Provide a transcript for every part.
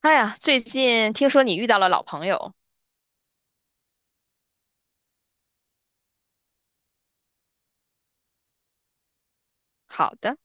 哎呀，最近听说你遇到了老朋友。好的。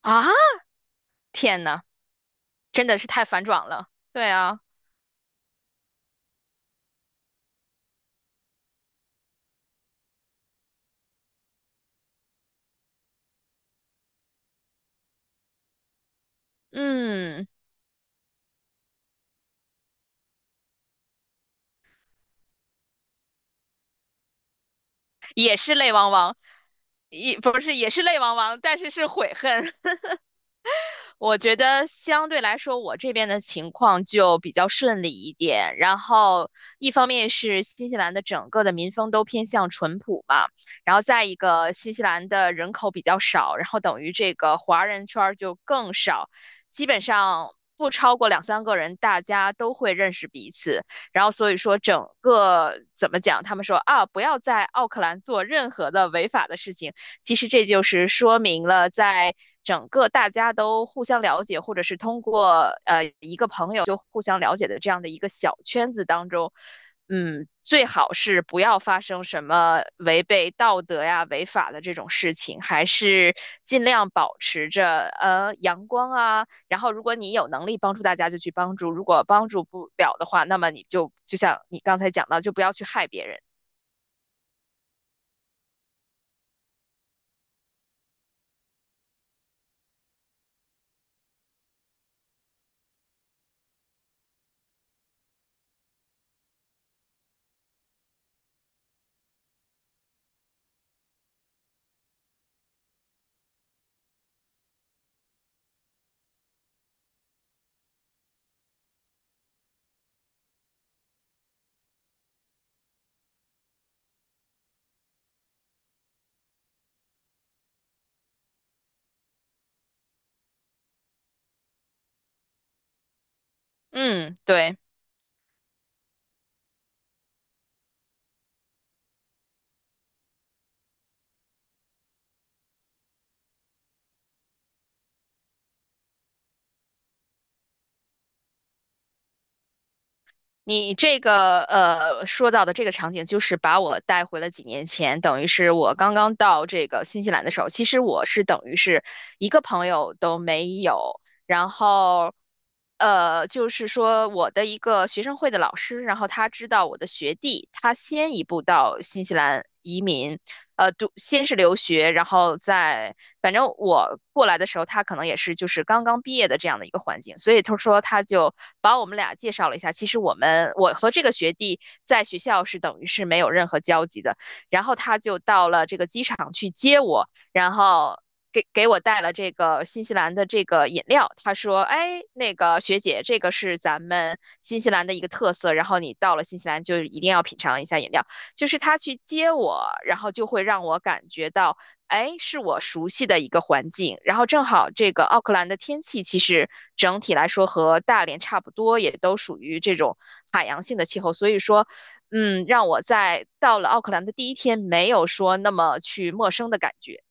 啊，天呐，真的是太反转了。对啊，嗯，也是泪汪汪，也不是也是泪汪汪，但是是悔恨。我觉得相对来说，我这边的情况就比较顺利一点。然后，一方面是新西兰的整个的民风都偏向淳朴嘛，然后再一个新西兰的人口比较少，然后等于这个华人圈儿就更少，基本上不超过两三个人，大家都会认识彼此。然后所以说整个怎么讲，他们说啊，不要在奥克兰做任何的违法的事情。其实这就是说明了，在整个大家都互相了解，或者是通过一个朋友就互相了解的这样的一个小圈子当中，嗯，最好是不要发生什么违背道德呀、违法的这种事情，还是尽量保持着阳光啊。然后，如果你有能力帮助大家，就去帮助；如果帮助不了的话，那么你就像你刚才讲到，就不要去害别人。嗯，对。你这个说到的这个场景，就是把我带回了几年前，等于是我刚刚到这个新西兰的时候。其实我是等于是一个朋友都没有，然后就是说我的一个学生会的老师，然后他知道我的学弟，他先一步到新西兰移民，读先是留学，然后再反正我过来的时候，他可能也是就是刚刚毕业的这样的一个环境，所以他说他就把我们俩介绍了一下。其实我和这个学弟在学校是等于是没有任何交集的，然后他就到了这个机场去接我，然后。给我带了这个新西兰的这个饮料，他说：“哎，那个学姐，这个是咱们新西兰的一个特色，然后你到了新西兰就一定要品尝一下饮料。”就是他去接我，然后就会让我感觉到，哎，是我熟悉的一个环境。然后正好这个奥克兰的天气其实整体来说和大连差不多，也都属于这种海洋性的气候，所以说，嗯，让我在到了奥克兰的第一天没有说那么去陌生的感觉。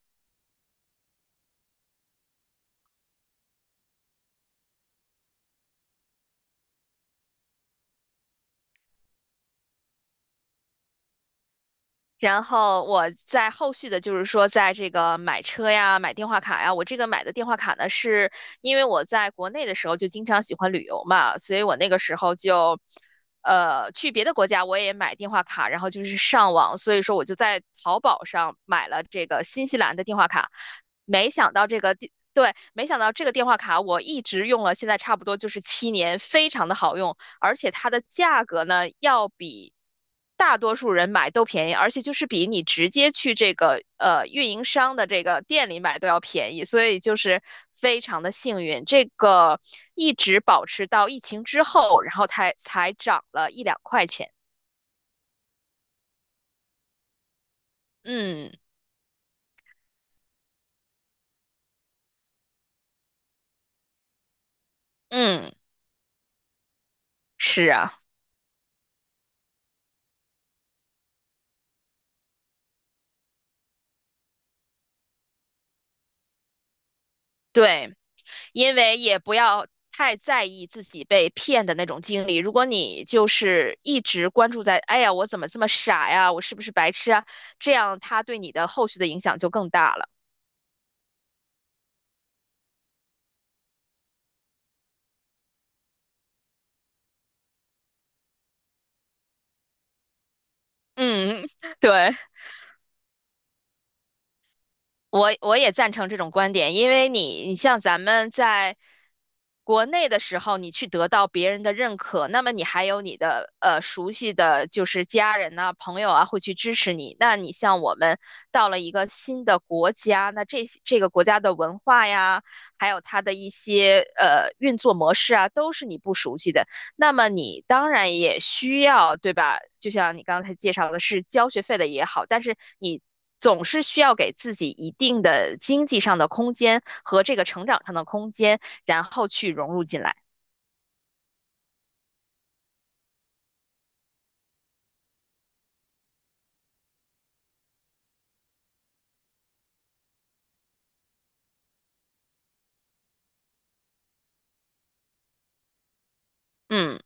然后我在后续的，就是说，在这个买车呀、买电话卡呀，我这个买的电话卡呢，是因为我在国内的时候就经常喜欢旅游嘛，所以我那个时候就，去别的国家我也买电话卡，然后就是上网，所以说我就在淘宝上买了这个新西兰的电话卡，没想到这个电，对，没想到这个电话卡我一直用了，现在差不多就是七年，非常的好用，而且它的价格呢，要比大多数人买都便宜，而且就是比你直接去这个运营商的这个店里买都要便宜，所以就是非常的幸运。这个一直保持到疫情之后，然后才涨了一两块钱。嗯嗯，是啊，对，因为也不要太在意自己被骗的那种经历。如果你就是一直关注在，哎呀，我怎么这么傻呀，我是不是白痴啊？这样他对你的后续的影响就更大了。嗯，对，我也赞成这种观点，因为你像咱们在国内的时候，你去得到别人的认可，那么你还有你的熟悉的就是家人呐、朋友啊会去支持你。那你像我们到了一个新的国家，那这些这个国家的文化呀，还有它的一些运作模式啊，都是你不熟悉的。那么你当然也需要，对吧？就像你刚才介绍的是交学费的也好，但是你总是需要给自己一定的经济上的空间和这个成长上的空间，然后去融入进来。嗯。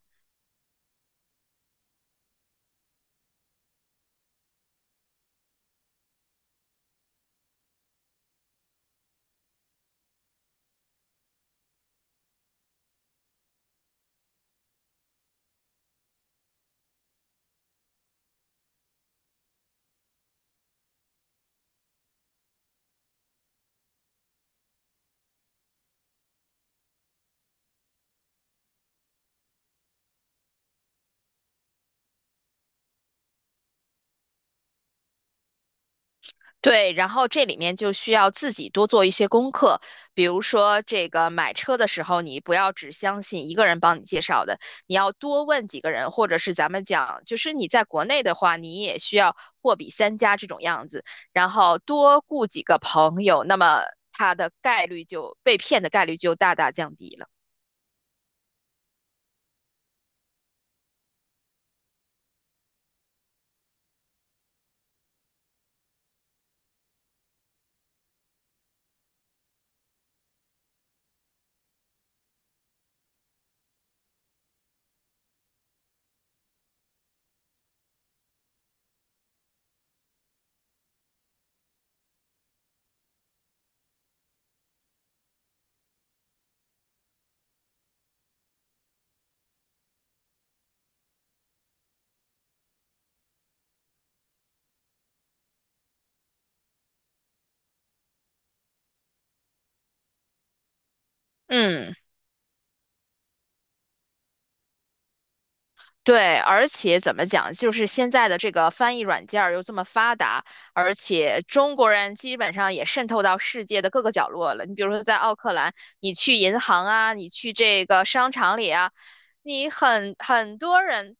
对，然后这里面就需要自己多做一些功课，比如说这个买车的时候，你不要只相信一个人帮你介绍的，你要多问几个人，或者是咱们讲，就是你在国内的话，你也需要货比三家这种样子，然后多雇几个朋友，那么他的概率就被骗的概率就大大降低了。嗯。对，而且怎么讲，就是现在的这个翻译软件儿又这么发达，而且中国人基本上也渗透到世界的各个角落了。你比如说在奥克兰，你去银行啊，你去这个商场里啊，很多人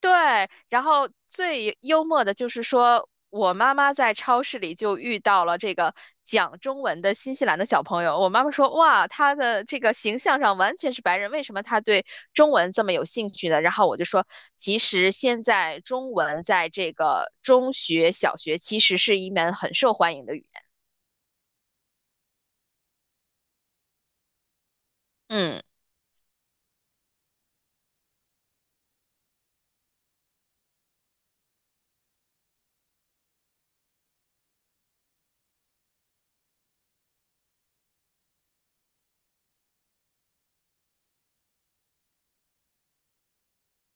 对，然后最幽默的就是说，我妈妈在超市里就遇到了这个讲中文的新西兰的小朋友。我妈妈说：“哇，他的这个形象上完全是白人，为什么他对中文这么有兴趣呢？”然后我就说：“其实现在中文在这个中学、小学其实是一门很受欢迎的语言。”嗯。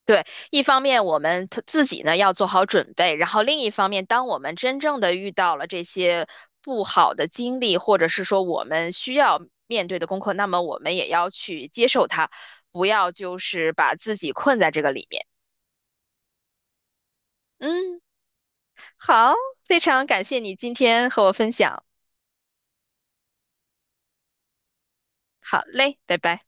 对，一方面我们 自己呢要做好准备，然后另一方面，当我们真正的遇到了这些不好的经历，或者是说我们需要面对的功课，那么我们也要去接受它，不要就是把自己困在这个里面。嗯，好，非常感谢你今天和我分享。好嘞，拜拜。